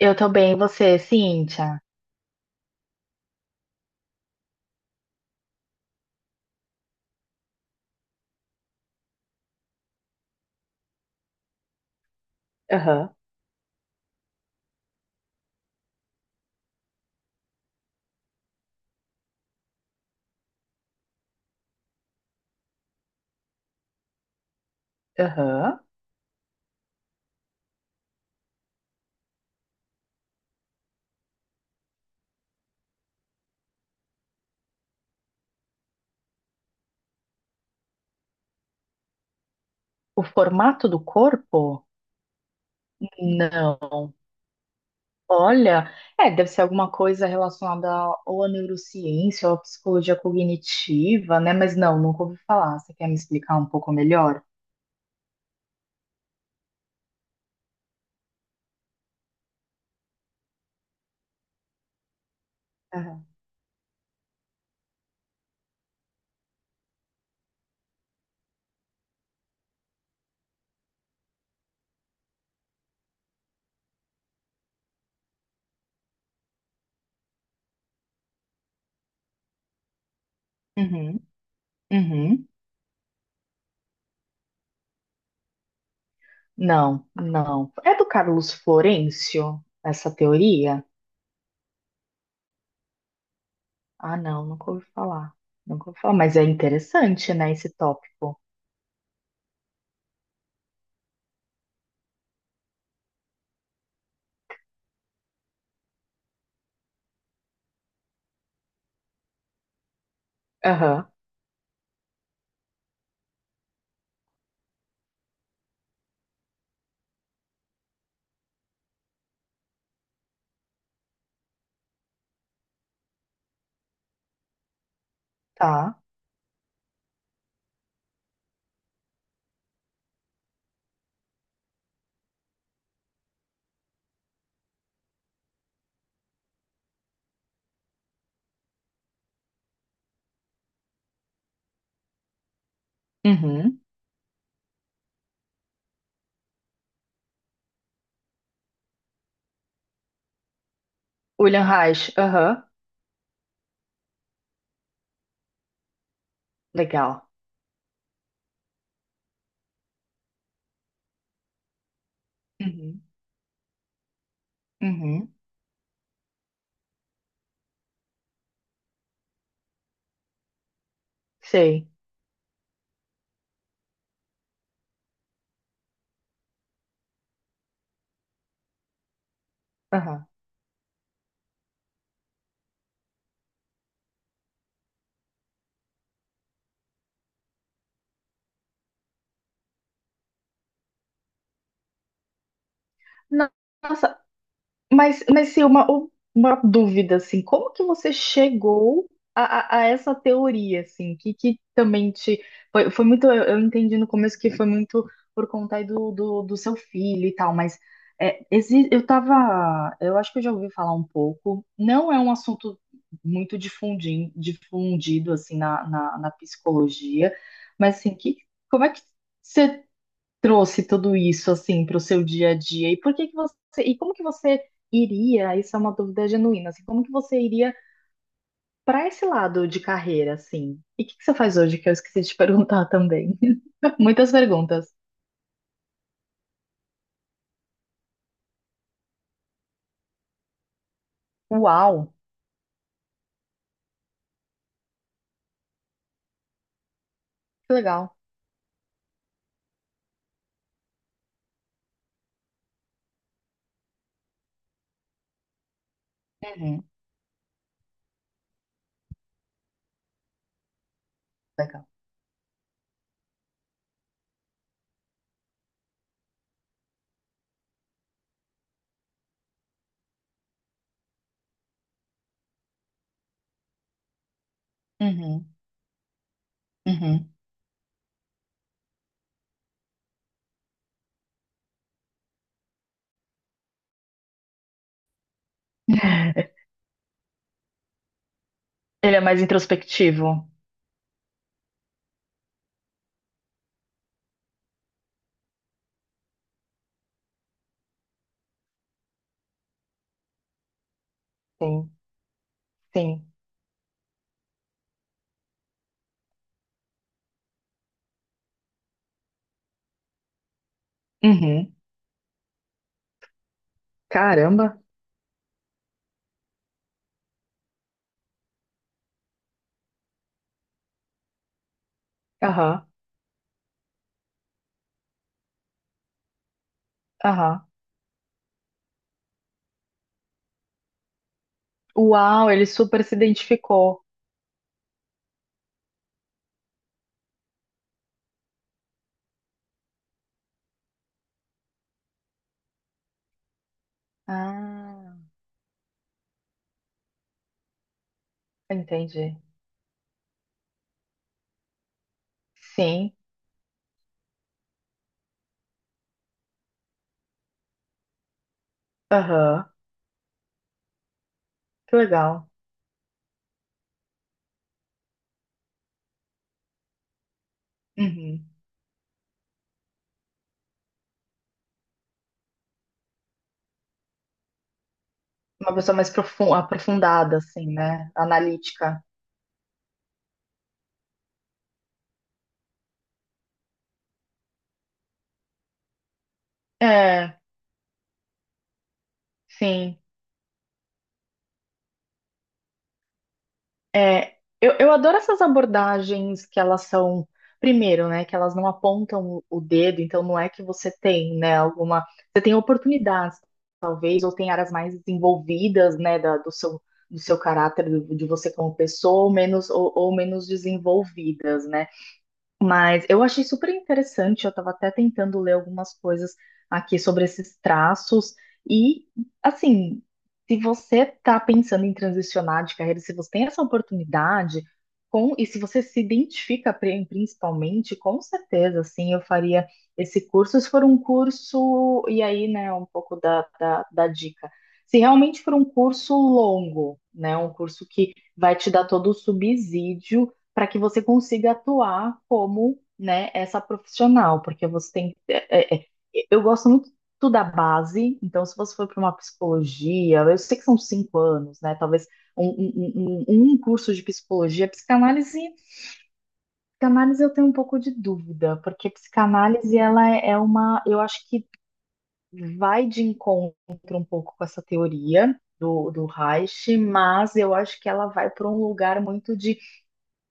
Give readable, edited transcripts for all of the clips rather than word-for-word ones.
Eu também, você, Cíntia. Aham. O formato do corpo? Não. Olha, deve ser alguma coisa relacionada ou à neurociência ou à psicologia cognitiva, né? Mas não, nunca ouvi falar. Você quer me explicar um pouco melhor? Aham. Uhum. Uhum. Não, não. É do Carlos Florencio, essa teoria? Ah, não, nunca ouvi falar. Nunca ouvi falar, mas é interessante, né, esse tópico. Aham. Tá. Uhum. William Reich, aham. Legal. Uhum, uhum. Sei. Aham. No- Nossa, mas sim, uma dúvida, assim, como que você chegou a essa teoria, assim, que também te... Foi, eu entendi no começo que foi muito por conta aí do seu filho e tal, mas eu tava, eu acho que eu já ouvi falar um pouco, não é um assunto muito difundido, difundido assim, na psicologia, mas, assim, que, como é que... Você trouxe tudo isso assim para o seu dia a dia? E por que que você e como que você iria? Isso é uma dúvida genuína, assim, como que você iria para esse lado de carreira assim? E o que que você faz hoje que eu esqueci de perguntar também? Muitas perguntas. Uau, que legal. Uhum, legal. Uhum, uhum. Ele é mais introspectivo. Sim, sim. Uhum. Caramba. Aham, aham. Uau, ele super se identificou. Ah, entendi. Sim. Aham. Que legal. Uhum. Uma pessoa mais aprofundada, assim, né? Analítica. É, sim. É, eu adoro essas abordagens que elas são, primeiro, né? Que elas não apontam o dedo, então não é que você tem, né, alguma. Você tem oportunidades, talvez, ou tem áreas mais desenvolvidas, né, do seu caráter, de você como pessoa, ou menos desenvolvidas, né? Mas eu achei super interessante, eu estava até tentando ler algumas coisas aqui sobre esses traços. E, assim, se você está pensando em transicionar de carreira, se você tem essa oportunidade, com, e se você se identifica principalmente, com certeza, assim, eu faria esse curso. Se for um curso, e aí, né, um pouco da dica. Se realmente for um curso longo, né, um curso que vai te dar todo o subsídio para que você consiga atuar como, né, essa profissional, porque você tem. Eu gosto muito da base, então se você for para uma psicologia, eu sei que são 5 anos, né? Talvez um curso de psicologia, psicanálise, psicanálise eu tenho um pouco de dúvida, porque psicanálise ela é uma, eu acho que vai de encontro um pouco com essa teoria do Reich, mas eu acho que ela vai para um lugar muito de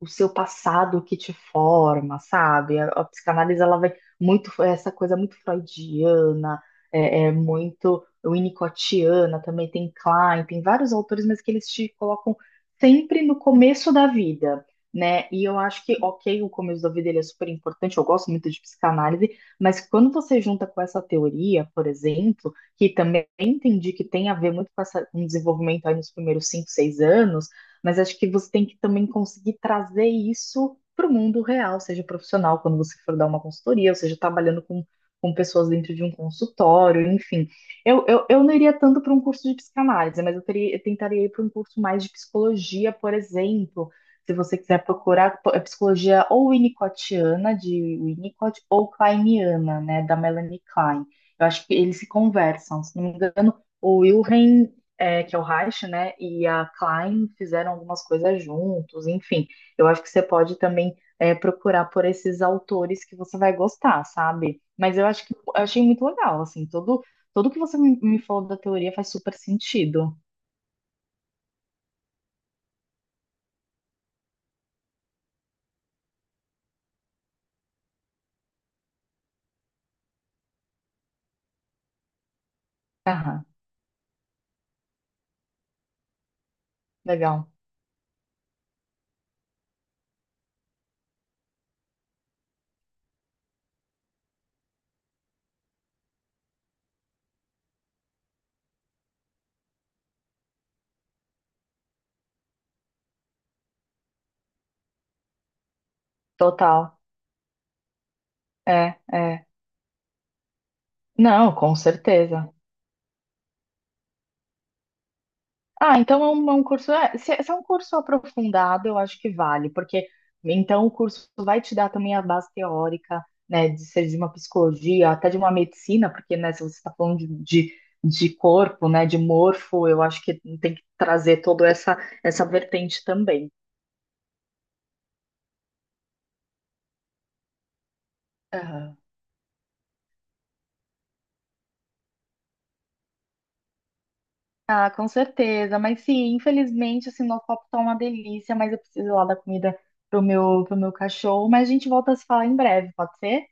o seu passado que te forma, sabe? A psicanálise ela vai muito é essa coisa muito freudiana, é muito winnicottiana também tem Klein, tem vários autores, mas que eles te colocam sempre no começo da vida. Né? E eu acho que, ok, o começo da vida ele é super importante, eu gosto muito de psicanálise, mas quando você junta com essa teoria, por exemplo, que também entendi que tem a ver muito com, essa, com o desenvolvimento aí nos primeiros 5, 6 anos, mas acho que você tem que também conseguir trazer isso para o mundo real, seja profissional, quando você for dar uma consultoria, ou seja, trabalhando com pessoas dentro de um consultório, enfim. Eu não iria tanto para um curso de psicanálise, mas eu, teria, eu tentaria ir para um curso mais de psicologia, por exemplo. Se você quiser procurar é psicologia ou winnicottiana, de Winnicott, ou kleiniana, né, da Melanie Klein. Eu acho que eles se conversam, se não me engano, o Wilhelm é, que é o Reich, né, e a Klein fizeram algumas coisas juntos, enfim. Eu acho que você pode também é, procurar por esses autores que você vai gostar, sabe? Mas eu acho que eu achei muito legal, assim, todo, tudo que você me, me falou da teoria faz super sentido. Aham, legal. Total. É, é. Não, com certeza. Ah, então é um curso. Se, se é um curso aprofundado, eu acho que vale, porque então o curso vai te dar também a base teórica, né, de ser de uma psicologia, até de uma medicina, porque, né, se você está falando de corpo, né, de morfo, eu acho que tem que trazer toda essa, essa vertente também. Aham. Ah, com certeza. Mas sim, infelizmente, assim, nosso papo tá uma delícia, mas eu preciso ir lá da comida pro meu cachorro. Mas a gente volta a se falar em breve, pode ser?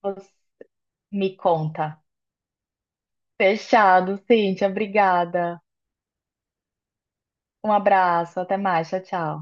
Você me conta. Fechado, Cíntia. Obrigada. Um abraço. Até mais. Tchau, tchau.